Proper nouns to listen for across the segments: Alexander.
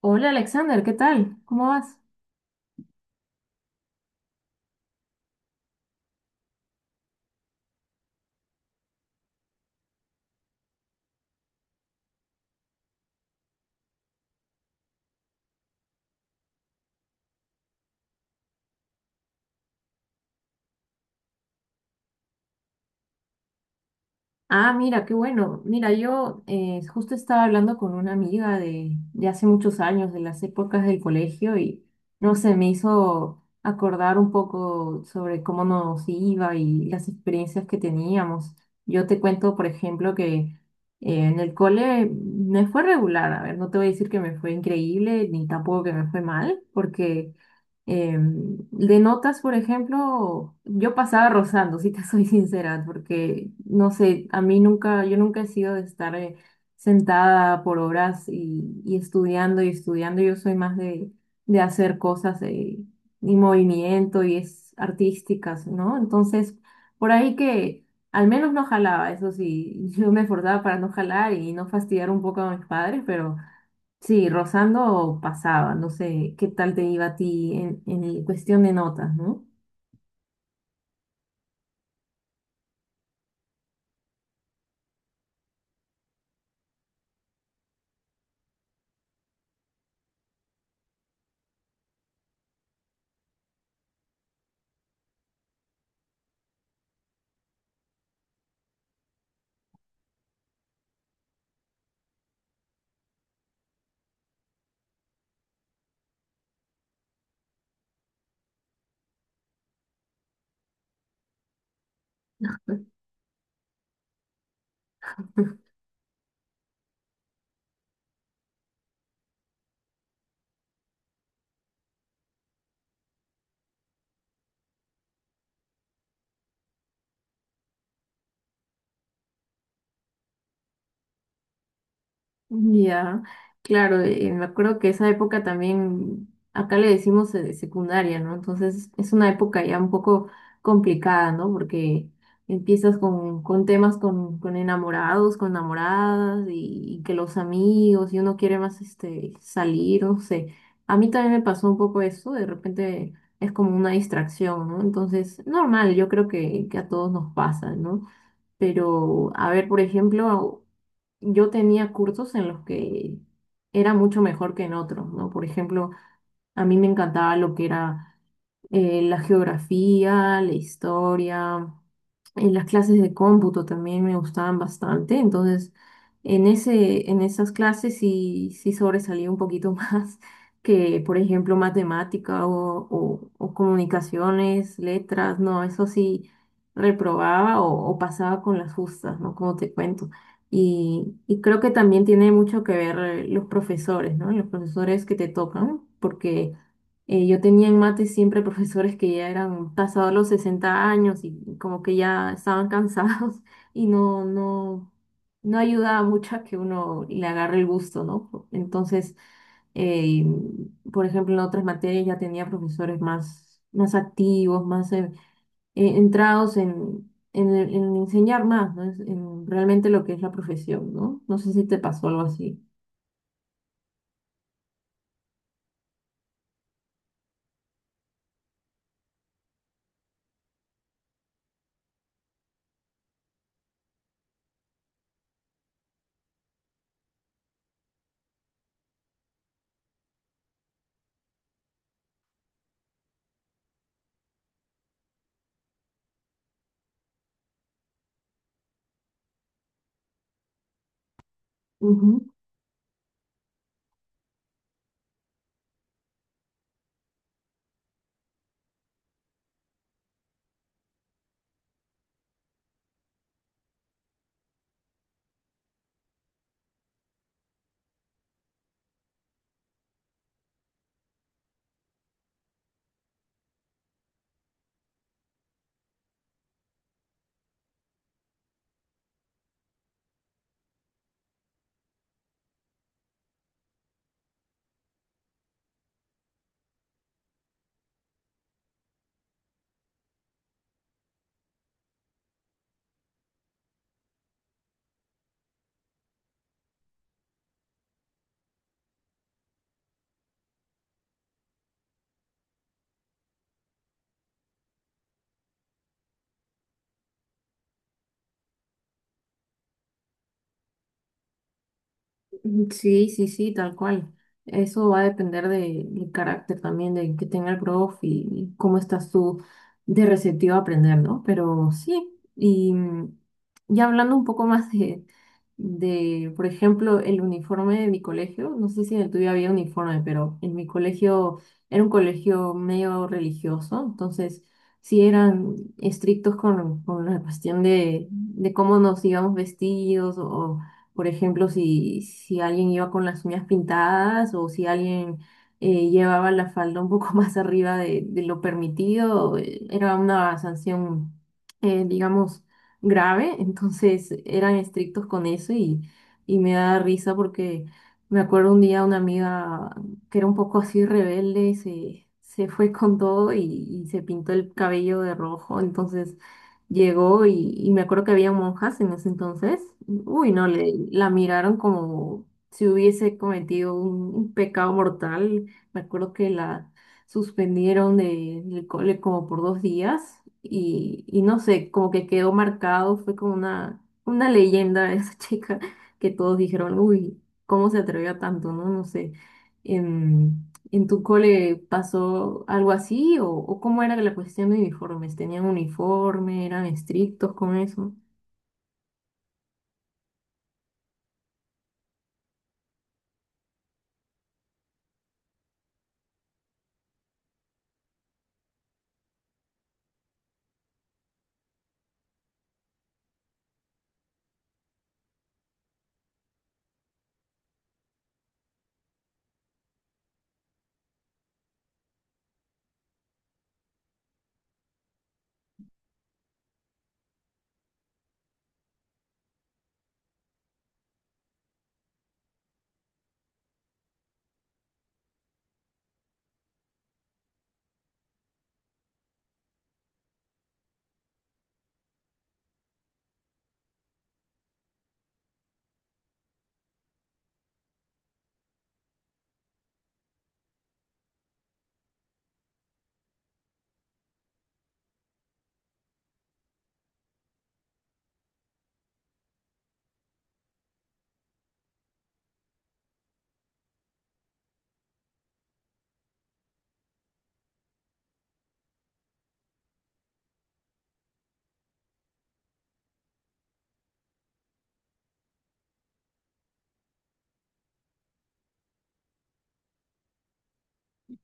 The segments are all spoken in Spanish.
Hola Alexander, ¿qué tal? ¿Cómo vas? Ah, mira, qué bueno. Mira, yo justo estaba hablando con una amiga de hace muchos años, de las épocas del colegio, y no sé, me hizo acordar un poco sobre cómo nos iba y las experiencias que teníamos. Yo te cuento, por ejemplo, que en el cole me fue regular. A ver, no te voy a decir que me fue increíble, ni tampoco que me fue mal, porque de notas, por ejemplo, yo pasaba rozando, si te soy sincera, porque no sé, a mí nunca, yo nunca he sido de estar sentada por horas y estudiando y estudiando. Yo soy más de hacer cosas y movimiento y es artísticas, ¿no? Entonces, por ahí que al menos no jalaba, eso sí, yo me esforzaba para no jalar y no fastidiar un poco a mis padres, pero. Sí, rozando pasaba, no sé qué tal te iba a ti en el- cuestión de notas, ¿no? Ya, claro, me acuerdo que esa época también, acá le decimos secundaria, ¿no? Entonces es una época ya un poco complicada, ¿no? Porque empiezas con temas con enamorados, con enamoradas y que los amigos y uno quiere más este, salir, no sé. A mí también me pasó un poco eso, de repente es como una distracción, ¿no? Entonces, normal, yo creo que a todos nos pasa, ¿no? Pero, a ver, por ejemplo yo tenía cursos en los que era mucho mejor que en otros, ¿no? Por ejemplo, a mí me encantaba lo que era la geografía, la historia, en las clases de cómputo también me gustaban bastante, entonces en en esas clases sí, sí sobresalía un poquito más que, por ejemplo, matemática o comunicaciones, letras, no, eso sí reprobaba o pasaba con las justas, ¿no? Como te cuento. Y creo que también tiene mucho que ver los profesores, ¿no? Los profesores que te tocan, porque yo tenía en mate siempre profesores que ya eran pasados los 60 y como que ya estaban cansados y no ayudaba mucho a que uno le agarre el gusto, ¿no? Entonces, eh, por ejemplo, en otras materias ya tenía profesores más activos, más entrados en en enseñar más, ¿no? Es- En realmente lo que es la profesión, ¿no? No sé si te pasó algo así. Sí, sí, sí, tal cual. Eso va a depender de- del carácter también de que tenga el prof y cómo estás tú de receptivo a aprender, ¿no? Pero sí, ya hablando un poco más de por ejemplo, el uniforme de mi colegio, no sé si en el tuyo había uniforme, pero en mi colegio era un colegio medio religioso, entonces sí eran estrictos con la cuestión de cómo nos íbamos vestidos o por ejemplo, si alguien iba con las uñas pintadas o si alguien llevaba la falda un poco más arriba de lo permitido, era una sanción, digamos, grave. Entonces eran estrictos con eso y me da risa porque me acuerdo un día una amiga que era un poco así rebelde, se fue con todo y se pintó el cabello de rojo. Entonces llegó y me acuerdo que había monjas en ese entonces. Uy, no, le, la miraron como si hubiese cometido un pecado mortal. Me acuerdo que la suspendieron de- del cole como por 2 y no sé, como que quedó marcado, fue como una leyenda esa chica que todos dijeron, uy, ¿cómo se atrevió a tanto? No, no sé. En tu cole pasó algo así o cómo era la cuestión de uniformes? ¿Tenían uniforme? ¿Eran estrictos con eso?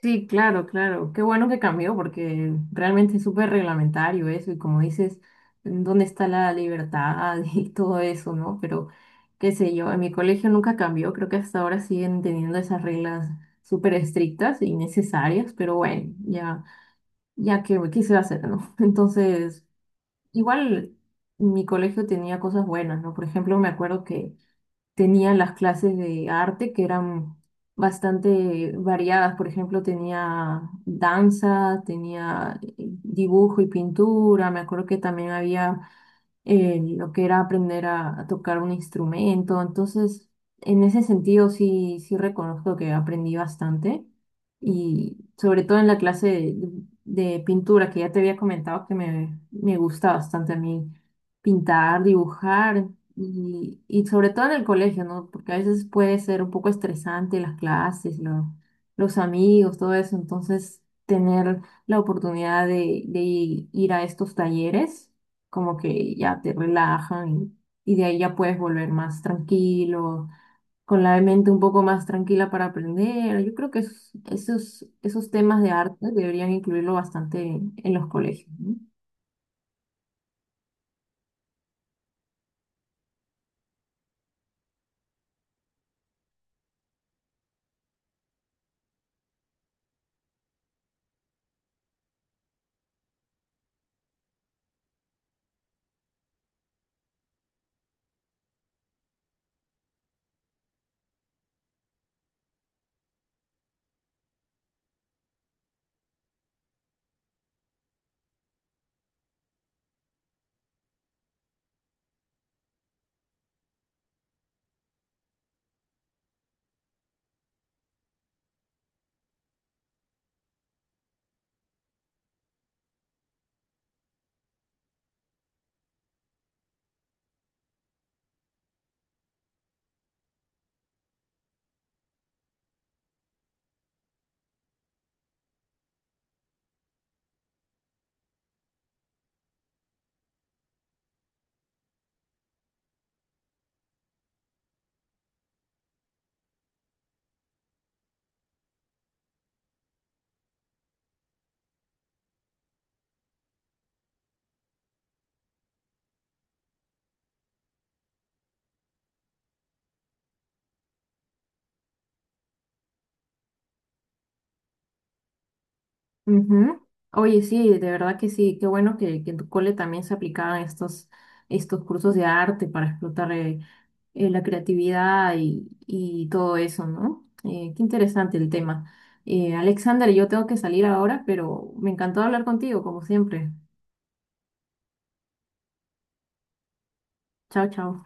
Sí, claro, claro. Qué bueno que cambió porque realmente es súper reglamentario eso y como dices, ¿dónde está la libertad y todo eso, no? Pero qué sé yo, en mi colegio nunca cambió, creo que hasta ahora siguen teniendo esas reglas súper estrictas y necesarias, pero bueno, ya, ya que qué se va a hacer, ¿no? Entonces, igual mi colegio tenía cosas buenas, ¿no? Por ejemplo, me acuerdo que tenía las clases de arte que eran bastante variadas. Por ejemplo, tenía danza, tenía dibujo y pintura. Me acuerdo que también había lo que era aprender a tocar un instrumento. Entonces, en ese sentido sí, sí reconozco que aprendí bastante y sobre todo en la clase de pintura que ya te había comentado que me gusta bastante a mí pintar, dibujar y sobre todo en el colegio, ¿no? Porque a veces puede ser un poco estresante las clases, lo- los amigos, todo eso. Entonces, tener la oportunidad de ir a estos talleres como que ya te relajan y de ahí ya puedes volver más tranquilo, con la mente un poco más tranquila para aprender. Yo creo que es- esos temas de arte deberían incluirlo bastante en los colegios, ¿no? Ujú. Oye, sí, de verdad que sí, qué bueno que en tu cole también se aplicaban estos cursos de arte para explotar la creatividad y todo eso, ¿no? Qué interesante el tema. Alexander, yo tengo que salir ahora, pero me encantó hablar contigo, como siempre. Chao, chao.